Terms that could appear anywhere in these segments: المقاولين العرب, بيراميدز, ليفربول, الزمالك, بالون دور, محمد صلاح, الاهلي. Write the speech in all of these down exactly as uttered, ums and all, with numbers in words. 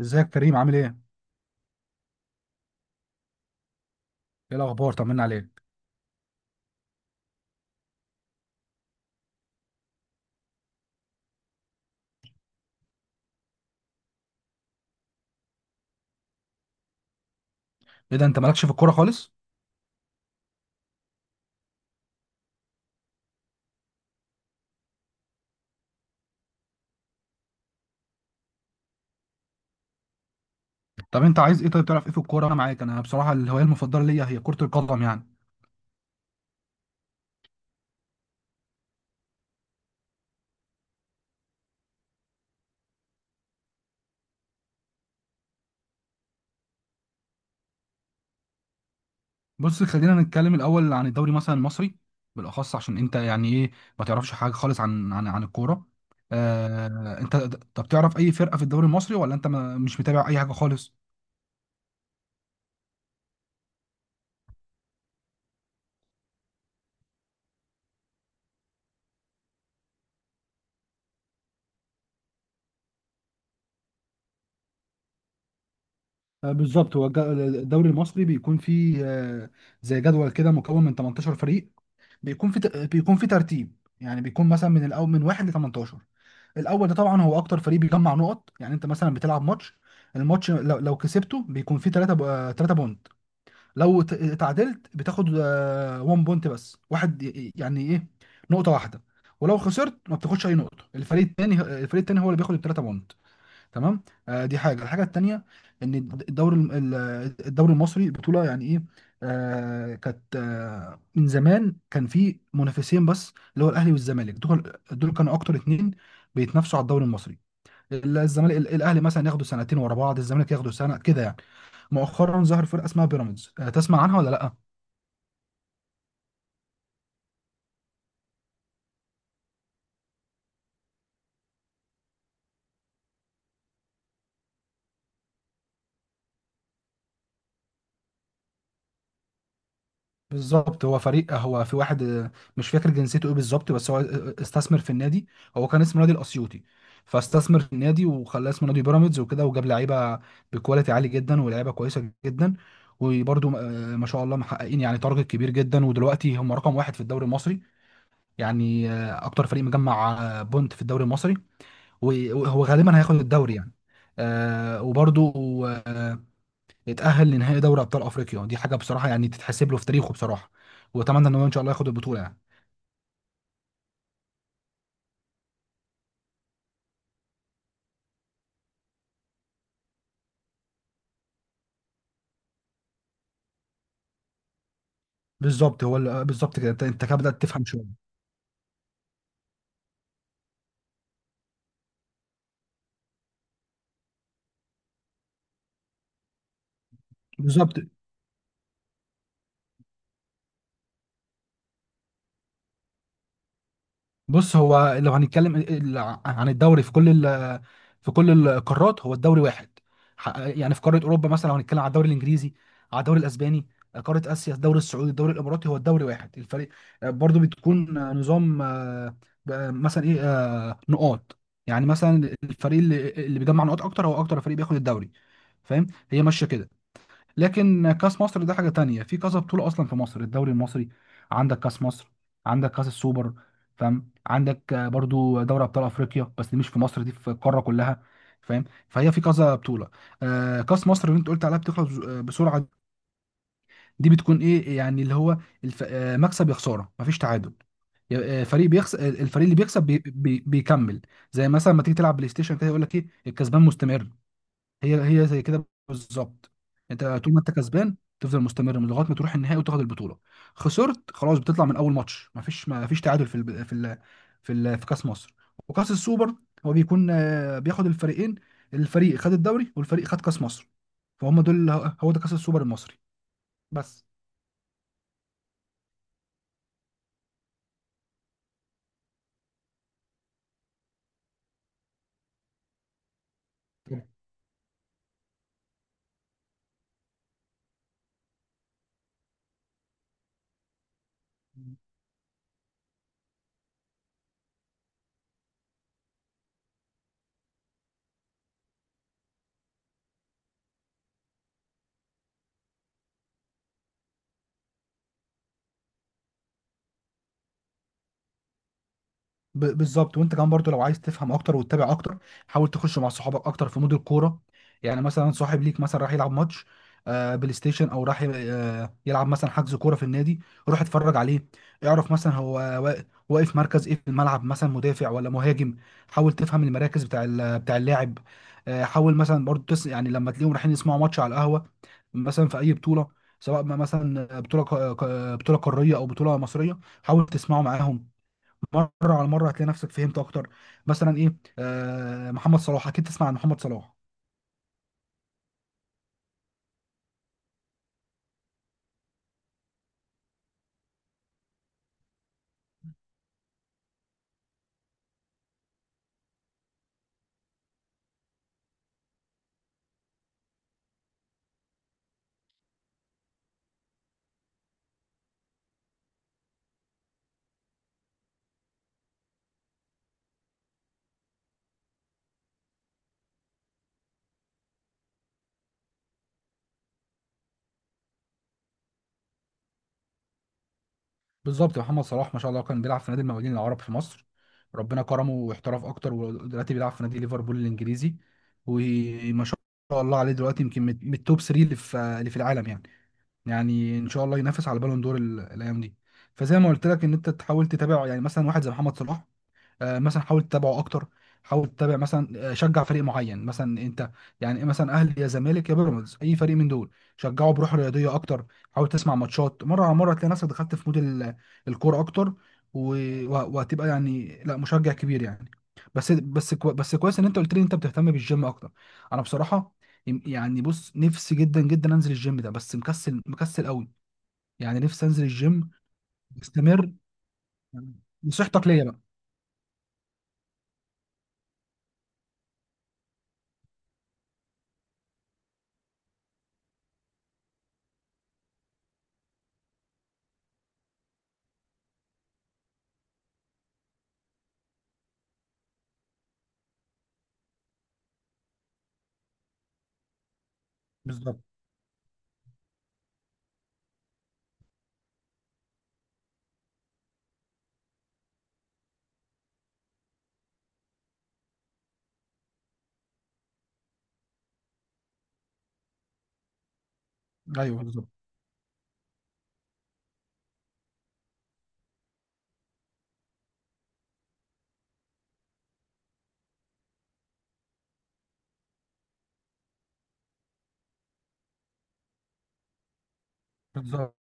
ازيك كريم، عامل ايه؟ ايه الاخبار، طمنا عليك. ايه ده، انت مالكش في الكوره خالص؟ طب انت عايز ايه؟ طيب، تعرف ايه في الكوره؟ انا معاك. انا بصراحه الهوايه المفضله ليا هي كره القدم يعني. بص، خلينا نتكلم الاول عن الدوري مثلا المصري بالاخص، عشان انت يعني ايه، ما تعرفش حاجه خالص عن عن عن الكوره. آه انت. طب تعرف اي فرقه في الدوري المصري، ولا انت ما مش متابع اي حاجه خالص؟ آه، بالظبط. هو الج- الدوري المصري بيكون فيه، آه، زي جدول كده مكون من تمنتاشر فريق. بيكون في ت- بيكون في ترتيب، يعني بيكون مثلا من الاول، من واحد ل تمنتاشر. الاول ده طبعا هو اكتر فريق بيجمع نقط. يعني انت مثلا بتلعب ماتش، الماتش لو, لو كسبته بيكون فيه تلاتة تلاتة بونت. لو ت- اتعادلت بتاخد واحد بونت بس، واحد، ي- يعني ايه؟ نقطة واحدة. ولو خسرت ما بتاخدش اي نقطة. الفريق التاني، الفريق التاني هو اللي بياخد الثلاثة بونت. تمام. آه دي حاجه الحاجه التانيه، ان الدوري الم- ال- الدوري المصري بطوله يعني ايه. آه كانت آه من زمان كان في منافسين بس، اللي هو الاهلي والزمالك. دول دول كانوا اكتر اتنين بيتنافسوا على الدوري المصري. ال- الزمالك، ال- الاهلي، مثلا ياخدوا سنتين ورا بعض، الزمالك ياخدوا سنه كده يعني. مؤخرا ظهر فرقه اسمها بيراميدز. آه تسمع عنها ولا لا؟ بالظبط. هو فريق، هو في واحد، آه، مش فاكر جنسيته ايه بالظبط، بس هو آه، آه، استثمر في النادي. هو كان اسمه نادي الاسيوطي، فاستثمر في النادي وخلاه اسمه نادي بيراميدز وكده، وجاب لعيبه بكواليتي عالي جدا، ولعيبه كويسه جدا. وبرده ما شاء الله محققين يعني تارجت كبير جدا، ودلوقتي هم رقم واحد في الدوري المصري. يعني آه، اكتر فريق مجمع آه، بونت في الدوري المصري، و- وهو غالبا هياخد الدوري يعني. وبرده يتأهل لنهائي دوري أبطال أفريقيا. دي حاجة بصراحة يعني تتحسب له في تاريخه بصراحة. وأتمنى إن هو إن شاء الله ياخد البطولة يعني. بالظبط هو ال- بالظبط كده. أنت أنت كده بدأت تفهم شوية. بالظبط. بص، هو لو هنتكلم ال- ال- عن الدوري في كل ال- في كل القارات، هو الدوري واحد. ح- يعني في قاره اوروبا مثلا، لو هنتكلم على الدوري الانجليزي، على الدوري الاسباني، قاره اسيا، الدوري السعودي، الدوري الاماراتي، هو الدوري واحد. الفريق آه، برضو بتكون آه، نظام، آه، بقى مثلا ايه، آه، نقاط. يعني مثلا الفريق اللي اللي بيجمع نقاط اكتر هو اكتر فريق بياخد الدوري. فاهم؟ هي ماشيه كده. لكن كاس مصر ده حاجه تانية. في كذا بطوله اصلا في مصر: الدوري المصري، عندك كاس مصر، عندك كاس السوبر، فاهم؟ عندك آه، برضو دوري ابطال افريقيا بس دي مش في مصر، دي في القاره كلها، فاهم؟ فهي في كذا بطوله. آه كاس مصر اللي انت قلت عليها بتخلص بز- آه، بسرعه. دي بتكون ايه؟ يعني اللي هو الف... آه، مكسب يا خساره، مفيش تعادل. ي- آه، فريق بيخسر، الفريق اللي بيكسب بي... بي... بيكمل. زي مثلا ما تيجي تلعب بلاي ستيشن كده، يقول لك ايه؟ الكسبان مستمر. هي هي زي كده بالظبط. انت طول ما انت كسبان تفضل مستمر، من لغايه ما تروح النهائي وتاخد البطوله. خسرت خلاص، بتطلع من اول ماتش. ما فيش ما فيش تعادل في ال في ال في, ال في كاس مصر وكاس السوبر. هو بيكون آه، بياخد الفريقين: الفريق خد الدوري والفريق خد كاس مصر، فهم دول، هو ده كاس السوبر المصري. بس. ب- بالظبط. وانت كمان برضو لو عايز تفهم اكتر وتتابع اكتر، حاول تخش مع صحابك اكتر في مود الكوره. يعني مثلا صاحب ليك مثلا راح يلعب ماتش، آه، بلاي ستيشن، او راح ي- آه، يلعب مثلا حجز كوره في النادي، روح اتفرج عليه. اعرف مثلا هو وا- واقف مركز ايه في الملعب، مثلا مدافع ولا مهاجم. حاول تفهم المراكز بتاع ال- بتاع اللاعب. آه، حاول مثلا برضو، تس يعني لما تلاقيهم رايحين يسمعوا ماتش على القهوه، مثلا في اي بطوله، سواء ما مثلا بطوله ق- ق- بطوله قاريه او بطوله مصريه، حاول تسمعوا معاهم. مره على مره هتلاقي نفسك فهمت اكتر. مثلا ايه، آه محمد صلاح، اكيد تسمع عن محمد صلاح. بالظبط. محمد صلاح ما شاء الله كان بيلعب في نادي المقاولين العرب في مصر. ربنا كرمه واحترف اكتر، ودلوقتي بيلعب في نادي ليفربول الانجليزي. وما شاء الله عليه دلوقتي، يمكن من من التوب تلاتة اللي في اللي في العالم يعني. يعني ان شاء الله ينافس على بالون دور ال- الايام دي. فزي ما قلت لك، ان انت تحاول تتابع، يعني مثلا واحد زي محمد صلاح، آه، مثلا حاول تتابعه اكتر. حاول تتابع مثلا، آه، شجع فريق معين مثلا انت، يعني مثلا اهلي يا زمالك يا بيراميدز، اي فريق من دول، شجعه بروح رياضيه اكتر. حاول تسمع ماتشات، مره على مره هتلاقي نفسك دخلت في مود ال- الكوره اكتر، و- و- وهتبقى يعني لا مشجع كبير يعني. بس بس كو بس كويس ان انت قلت لي إن انت بتهتم بالجيم اكتر. انا بصراحه، يم- يعني بص، نفسي جدا جدا انزل الجيم ده، بس مكسل مكسل قوي. يعني نفسي انزل الجيم. استمر، نصيحتك ليا بقى. بالظبط، ايوه. بالظبط. بالظبط.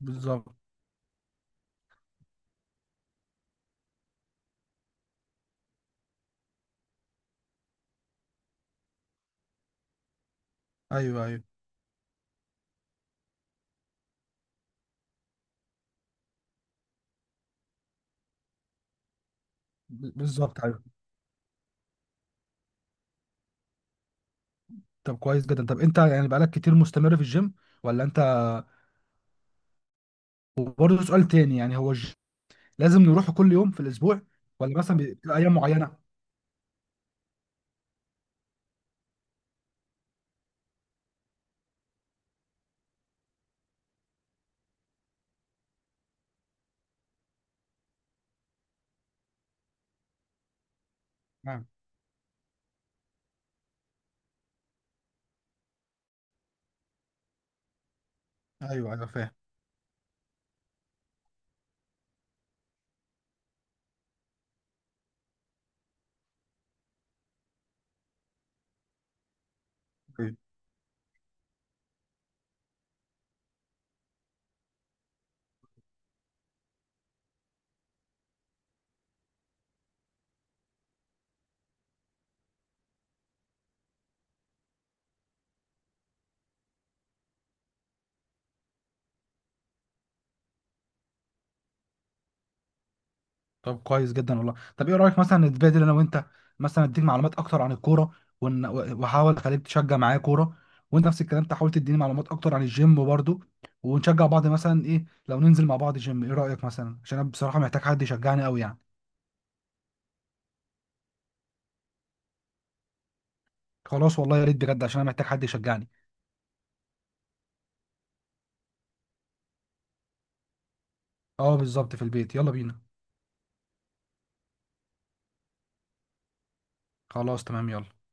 بالظبط، ايوه، ايوه. ب- بالظبط، ايوه. طب كويس جدا. طب انت يعني بقالك كتير مستمر في الجيم ولا انت؟ وبرضه سؤال تاني، يعني هو الجيم لازم نروحه كل يوم في الاسبوع، ولا مثلا بتبقى ايام معينه؟ نعم. ايوه، ايوه، فاهم. أيوة. طب كويس جدا والله. طب ايه رايك مثلا نتبادل انا وانت، مثلا اديك معلومات اكتر عن الكوره، ون- واحاول اخليك تشجع معايا كوره، وانت نفس الكلام تحاول تديني معلومات اكتر عن الجيم برضه، ونشجع بعض. مثلا ايه لو ننزل مع بعض جيم؟ ايه رايك، مثلا عشان انا بصراحه محتاج حد يشجعني قوي يعني. خلاص، والله يا ريت بجد، عشان انا محتاج حد يشجعني. اه بالظبط، في البيت، يلا بينا. خلاص تمام، يلا.